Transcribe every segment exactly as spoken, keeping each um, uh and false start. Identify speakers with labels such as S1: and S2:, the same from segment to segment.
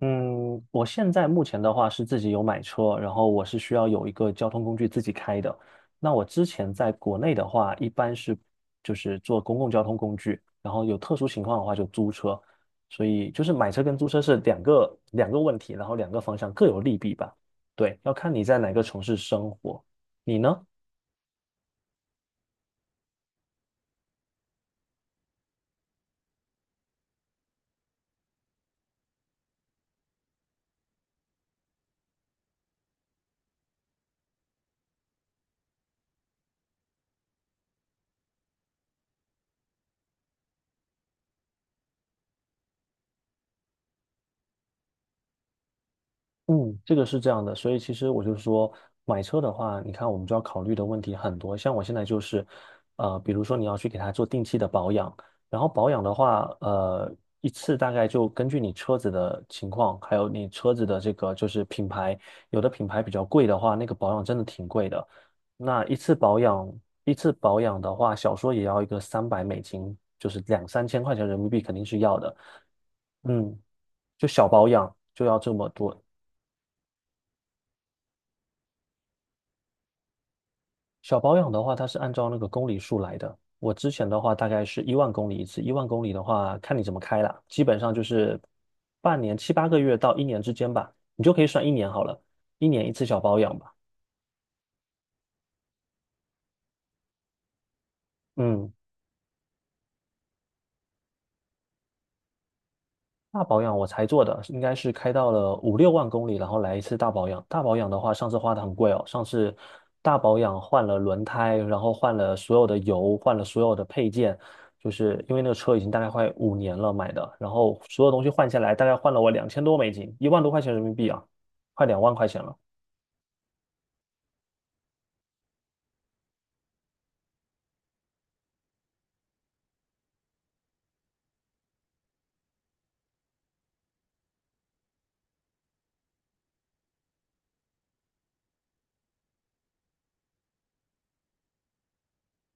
S1: 嗯，我现在目前的话是自己有买车，然后我是需要有一个交通工具自己开的。那我之前在国内的话，一般是就是坐公共交通工具，然后有特殊情况的话就租车。所以就是买车跟租车是两个两个问题，然后两个方向各有利弊吧。对，要看你在哪个城市生活。你呢？嗯，这个是这样的，所以其实我就说，买车的话，你看我们就要考虑的问题很多。像我现在就是，呃，比如说你要去给它做定期的保养，然后保养的话，呃，一次大概就根据你车子的情况，还有你车子的这个就是品牌，有的品牌比较贵的话，那个保养真的挺贵的。那一次保养，一次保养的话，少说也要一个三百美金，就是两三千块钱人民币肯定是要的。嗯，就小保养就要这么多，小保养的话，它是按照那个公里数来的。我之前的话大概是一万公里一次，一万公里的话看你怎么开了，基本上就是半年七八个月到一年之间吧，你就可以算一年好了，一年一次小保养吧。嗯，大保养我才做的，应该是开到了五六万公里，然后来一次大保养。大保养的话，上次花的很贵哦。上次大保养换了轮胎，然后换了所有的油，换了所有的配件，就是因为那个车已经大概快五年了买的，然后所有东西换下来，大概换了我两千多美金，一万多块钱人民币啊，快两万块钱了。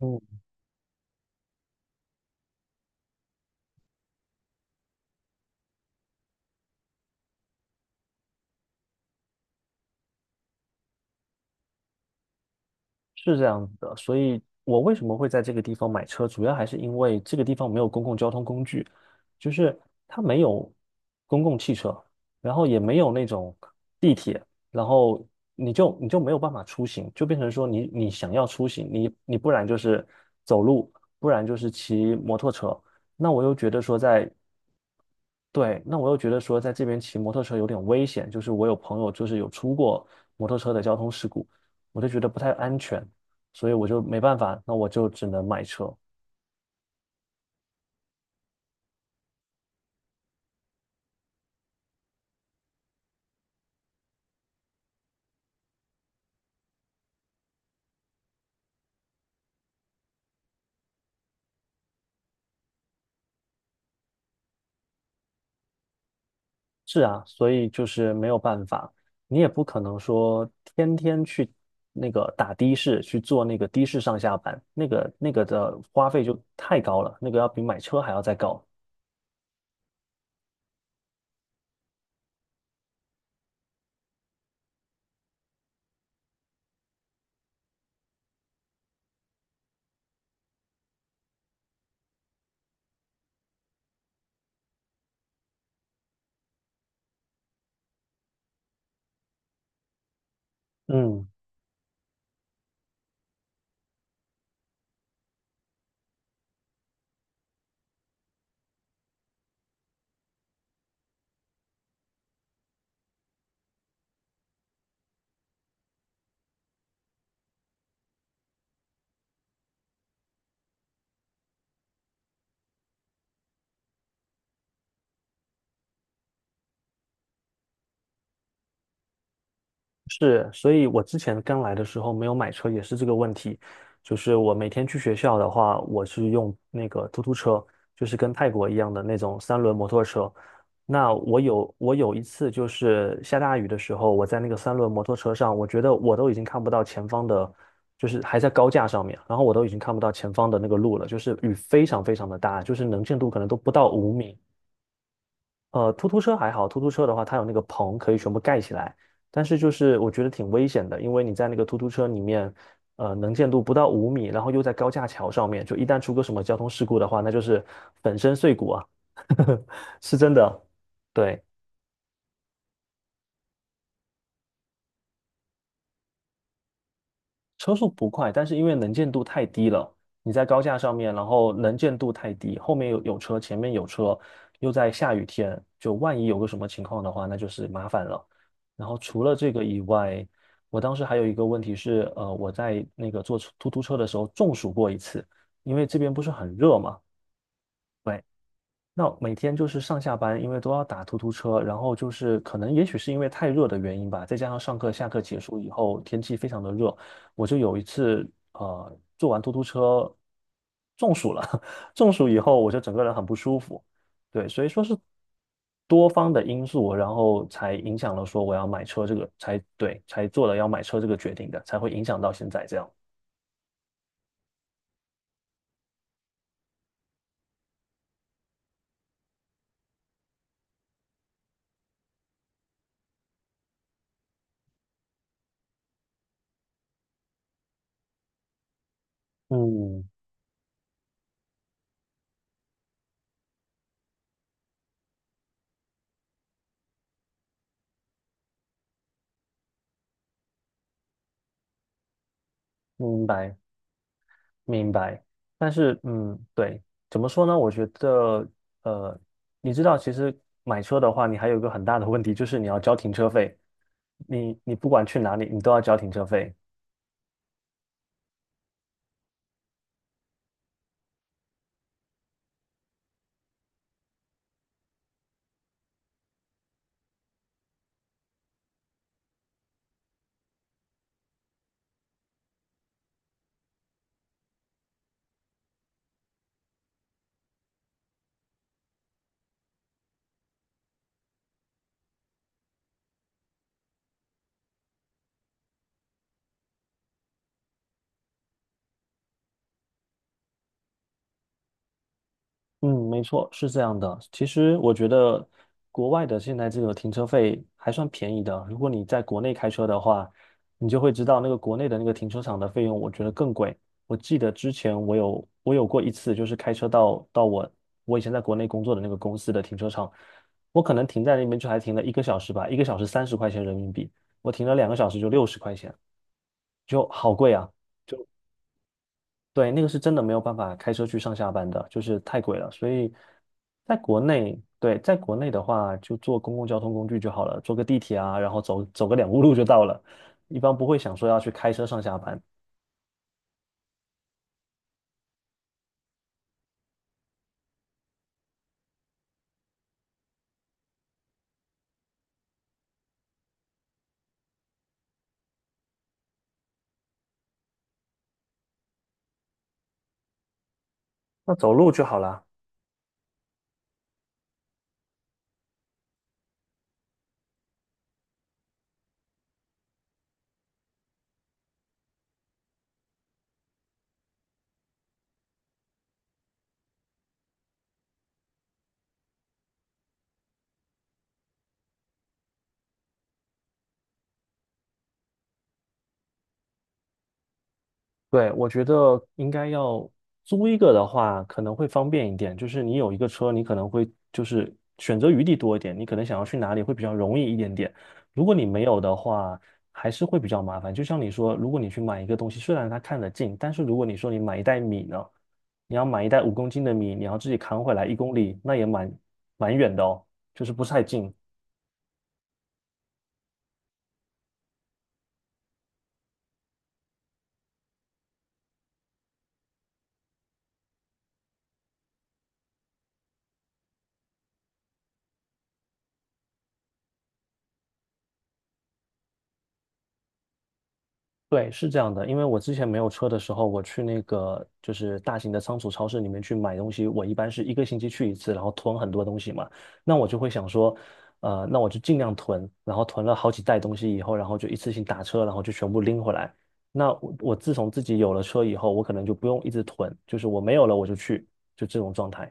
S1: 嗯。是这样子的，所以我为什么会在这个地方买车，主要还是因为这个地方没有公共交通工具，就是它没有公共汽车，然后也没有那种地铁，然后你就你就没有办法出行，就变成说你你想要出行，你你不然就是走路，不然就是骑摩托车。那我又觉得说在对，那我又觉得说，在这边骑摩托车有点危险，就是我有朋友就是有出过摩托车的交通事故，我就觉得不太安全，所以我就没办法，那我就只能买车。是啊，所以就是没有办法，你也不可能说天天去那个打的士，去坐那个的士上下班，那个那个的花费就太高了，那个要比买车还要再高。嗯。是，所以我之前刚来的时候没有买车也是这个问题，就是我每天去学校的话，我是用那个突突车，就是跟泰国一样的那种三轮摩托车。那我有我有一次就是下大雨的时候，我在那个三轮摩托车上，我觉得我都已经看不到前方的，就是还在高架上面，然后我都已经看不到前方的那个路了，就是雨非常非常的大，就是能见度可能都不到五米。呃，突突车还好，突突车的话，它有那个棚可以全部盖起来，但是就是我觉得挺危险的，因为你在那个突突车里面，呃，能见度不到五米，然后又在高架桥上面，就一旦出个什么交通事故的话，那就是粉身碎骨啊，是真的。对，车速不快，但是因为能见度太低了，你在高架上面，然后能见度太低，后面有有车，前面有车，又在下雨天，就万一有个什么情况的话，那就是麻烦了。然后除了这个以外，我当时还有一个问题是，呃，我在那个坐出突突车的时候中暑过一次，因为这边不是很热嘛。对。那每天就是上下班，因为都要打突突车，然后就是可能也许是因为太热的原因吧，再加上上课下课结束以后天气非常的热，我就有一次呃坐完突突车中暑了，中暑以后我就整个人很不舒服，对，所以说是多方的因素，然后才影响了说我要买车这个，才对，才做了要买车这个决定的，才会影响到现在这样。嗯，明白。明白，但是嗯，对，怎么说呢？我觉得，呃，你知道，其实买车的话，你还有一个很大的问题，就是你要交停车费。你你不管去哪里，你都要交停车费。嗯，没错，是这样的。其实我觉得国外的现在这个停车费还算便宜的。如果你在国内开车的话，你就会知道那个国内的那个停车场的费用，我觉得更贵。我记得之前我有我有过一次，就是开车到到我我以前在国内工作的那个公司的停车场，我可能停在那边就还停了一个小时吧，一个小时三十块钱人民币，我停了两个小时就六十块钱，就好贵啊。对，那个是真的没有办法开车去上下班的，就是太贵了。所以在国内，对，在国内的话，就坐公共交通工具就好了，坐个地铁啊，然后走走个两步路就到了，一般不会想说要去开车上下班，那走路就好了。对，我觉得应该要租一个的话，可能会方便一点。就是你有一个车，你可能会就是选择余地多一点，你可能想要去哪里会比较容易一点点。如果你没有的话，还是会比较麻烦。就像你说，如果你去买一个东西，虽然它看得近，但是如果你说你买一袋米呢，你要买一袋五公斤的米，你要自己扛回来一公里，那也蛮蛮远的哦，就是不是太近。对，是这样的，因为我之前没有车的时候，我去那个就是大型的仓储超市里面去买东西，我一般是一个星期去一次，然后囤很多东西嘛。那我就会想说，呃，那我就尽量囤，然后囤了好几袋东西以后，然后就一次性打车，然后就全部拎回来。那我我自从自己有了车以后，我可能就不用一直囤，就是我没有了我就去，就这种状态。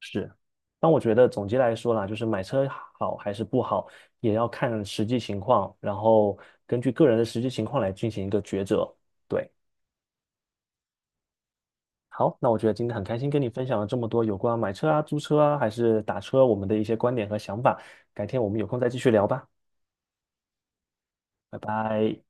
S1: 是，但我觉得总结来说啦，就是买车好还是不好，也要看实际情况，然后根据个人的实际情况来进行一个抉择。对，好，那我觉得今天很开心跟你分享了这么多有关买车啊、租车啊，还是打车我们的一些观点和想法。改天我们有空再继续聊吧，拜拜。